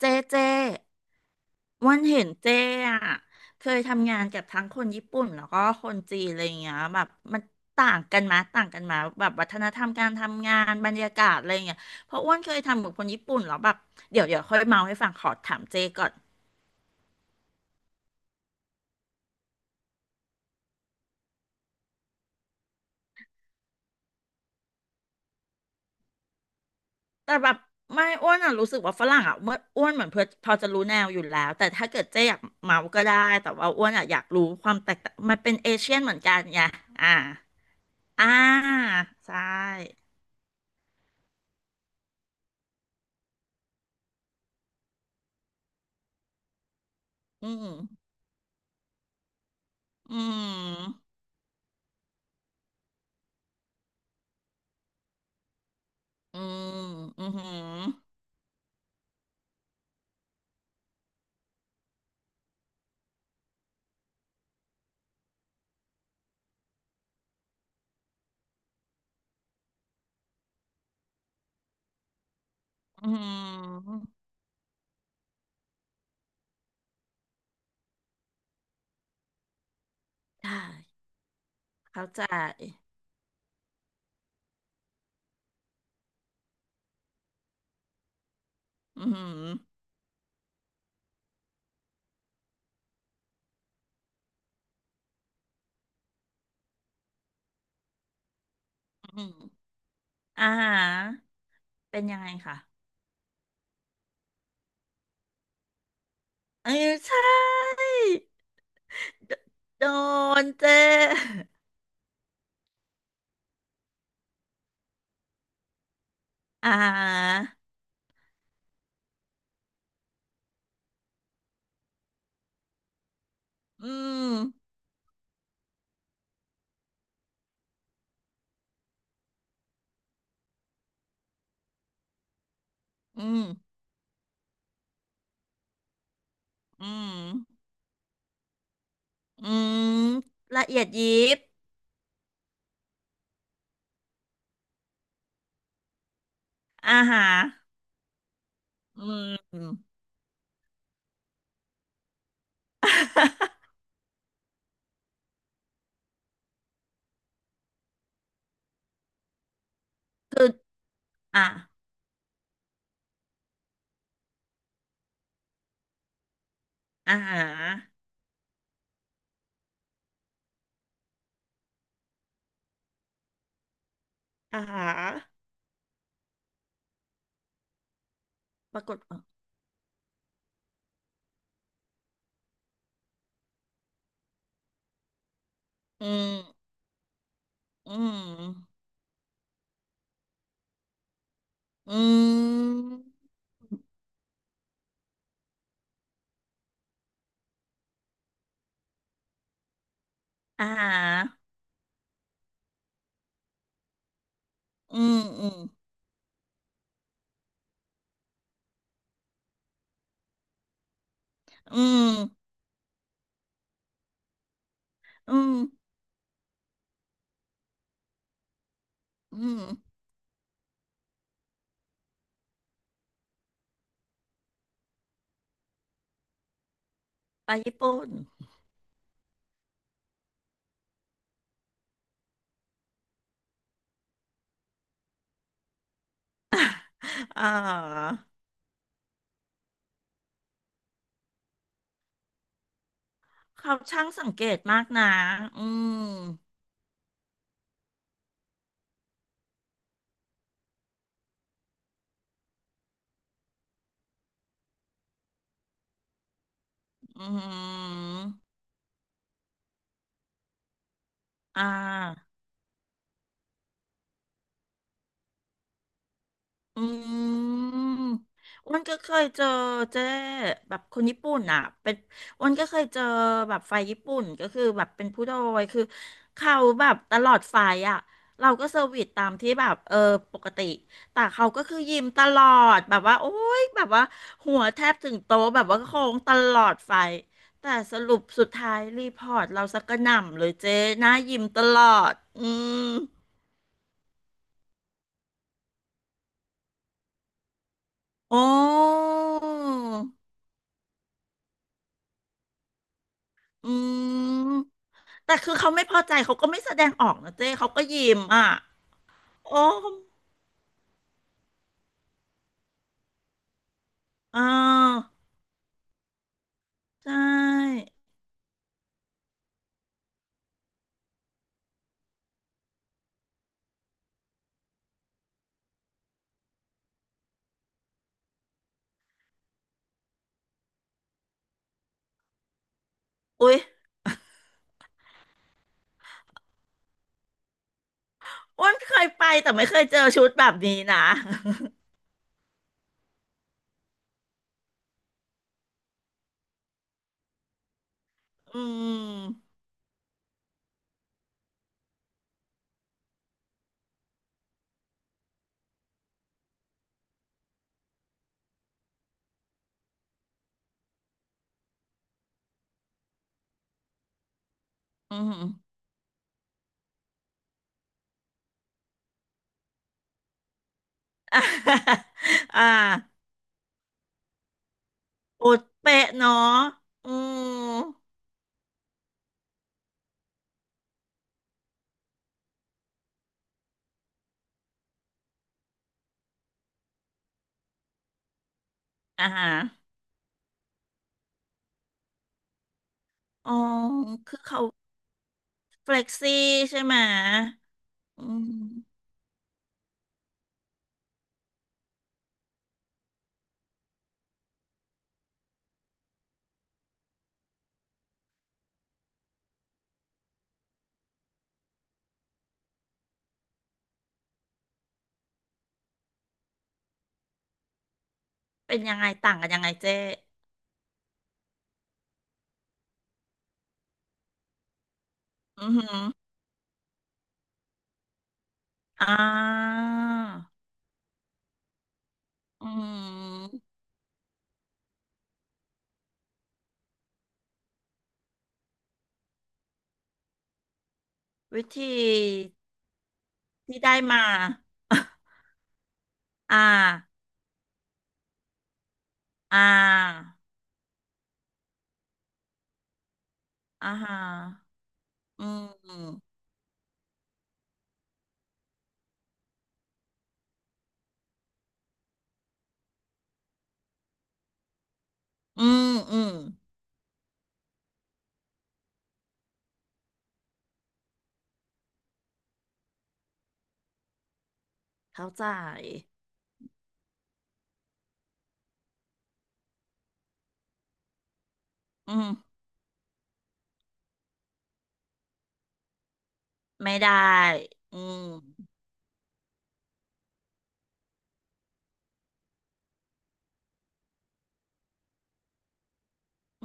เจเจอ้วันเห็นเจอ่ะเคยทำงานกับทั้งคนญี่ปุ่นแล้วก็คนจีนอะไรอย่างเงี้ยแบบมันต่างกันมาแบบวัฒนธรรมการทำงานบรรยากาศอะไรอย่างเงี้ยเพราะอ้วนเคยทำกับคนญี่ปุ่นแล้วแบบเดี๋ยวค่อยเมาให้ฟังขอถามเจก่อนแต่แบบไม่อ้วนอ่ะรู้สึกว่าฝรั่งอ่ะเมื่ออ้วนเหมือนเพื่อพอจะรู้แนวอยู่แล้ว แต่ถ้าเกิดเจอยากเมาก็ได้แต่ว่าอ้วนอ่ะอยากรู้ความแตกต่างมันเป็นเอเชียนเหมือนกันไงอ่าอ่าใช่อืม อืมอืมอืมอืมได้เข้าใจอืมอืมอาหาเป็นยังไงคะเออใช่โดโดนเจอาาฮะอืมอืมอืมอืมละเอียดยิบอาฮะอืม คืออ่ะอาหาอาาฮะปรากฏว่าอืมอืม อืม อ่า อืม อืม อืม อืม อืม ไปญี่ปุ่น อ่า เขาช่างสังเกตมากนะ อืม อืม อ่า อืมอ้วนก็เคยเจอเจ๊แบบคนญี่ปุ่นอ่ะเป็นอ้วนก็เคยเจอแบบไฟญี่ปุ่นก็คือแบบเป็นผู้โดยคือเขาแบบตลอดไฟอ่ะเราก็เซอร์วิสตามที่แบบปกติแต่เขาก็คือยิ้มตลอดแบบว่าโอ๊ยแบบว่าหัวแทบถึงโต๊ะแบบว่าโค้งตลอดไฟแต่สรุปสุดท้ายรีพอร์ตเราสักกระหน่ำเลยเจ๊หน้ายิ้มตลอดอืมโอ้อืม แต่คือเขาไม่พอใจเขาก็ไม่แสดงออกนะเจ้เขาก็ยิ้มอ่ะโอ้มอ่าใช่อุ๊ยอ้วนเคยไปแต่ไม่เคยเจอชุดแบบนี้นะ อืมอืม อ่าอ่าโอดเป๊ะเนาะอืมอ่าฮะอ๋อคือเขาเฟล็กซี่ใช่ไหมอืมเป็นยังไงต่างกันยังไงเจ๊อือหืออ่าอืมวิธี ที่ได้มา อ่าอ่าอ่าฮะอืมอืมอืมเข้าใจอืมไม่ได้อืม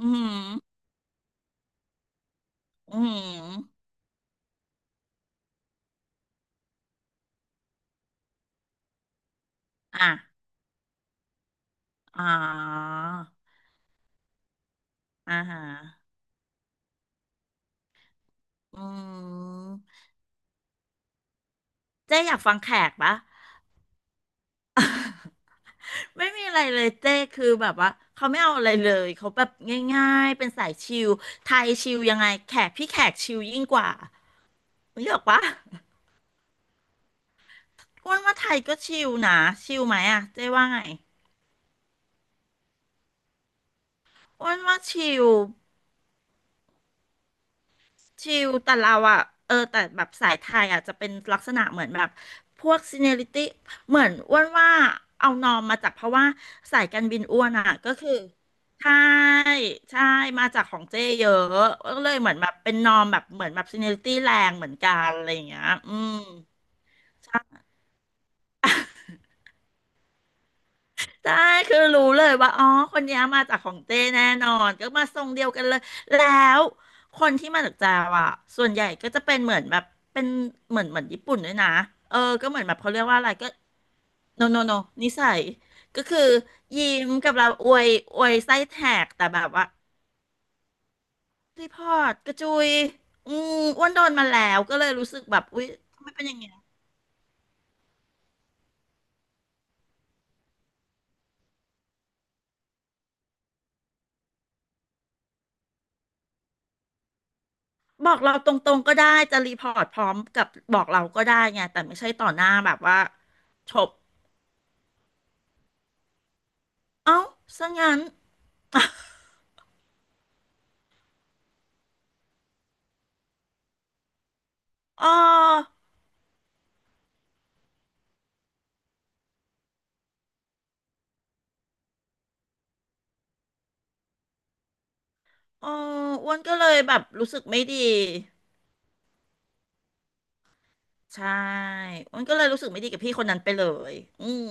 อืมอืมอ่ะอ๋ออ่าฮะอืม เจ๊อยากฟังแขกปะ ไม่มีอะไรเลยเจ๊คือแบบว่าเขาไม่เอาอะไรเลยเขาแบบง่ายๆ เป็นสายชิลไทยชิลยังไงแขกพี่แขกชิลยิ่งกว่าเม่หอกปะ อ้วนว่าไทยก็ชิลนะชิลไหมอะเจ๊ว่าไงอ้วนว่าชิลชิลแต่เราอะแต่แบบสายไทยอะจะเป็นลักษณะเหมือนแบบพวกซีเนียริตี้เหมือนอ้วนว่าเอานอมมาจากเพราะว่าสายการบินอ้วนอะก็คือใช่ใช่มาจากของเจ๊เยอะก็เลยเหมือนแบบเป็นนอมแบบเหมือนแบบซีเนียริตี้แรงเหมือนกันอะไรอย่างเงี้ยอืม ใช่คือรู้เลยว่าอ๋อคนเนี้ยมาจากของเจ้แน่นอนก็มาทรงเดียวกันเลยแล้วคนที่มาจากจาวอ่ะส่วนใหญ่ก็จะเป็นเหมือนแบบเป็นเหมือนญี่ปุ่นด้วยนะก็เหมือนแบบเขาเรียกว่าอะไรก็โนนิสัยก็คือยิ้มกับเราอวยอวยไส้แตกแต่แบบว่าพี่พอดกระจุยอืมอ้วนโดนมาแล้วก็เลยรู้สึกแบบอุ๊ยทำไมเป็นอย่างเงี้ยบอกเราตรงๆก็ได้จะรีพอร์ตพร้อมกับบอกเราก็ได้ไงแต่ไม่ใช่ต่อหน้าแบบว่าจบ เอ้าซะงั้นอ๋ออ๋ออ้วนก็เลยแบบรู้สึกไม่ดี ใช่อ้วนก็เลยรู้สึกไม่ดีกับพี่คนนั้นไปเลยอืม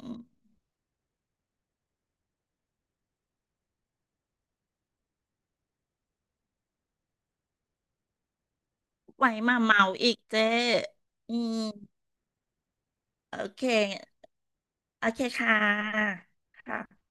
อืมไว้มาเมาอีกเจ๊อืมโอเค โอเคค่ะค่ะ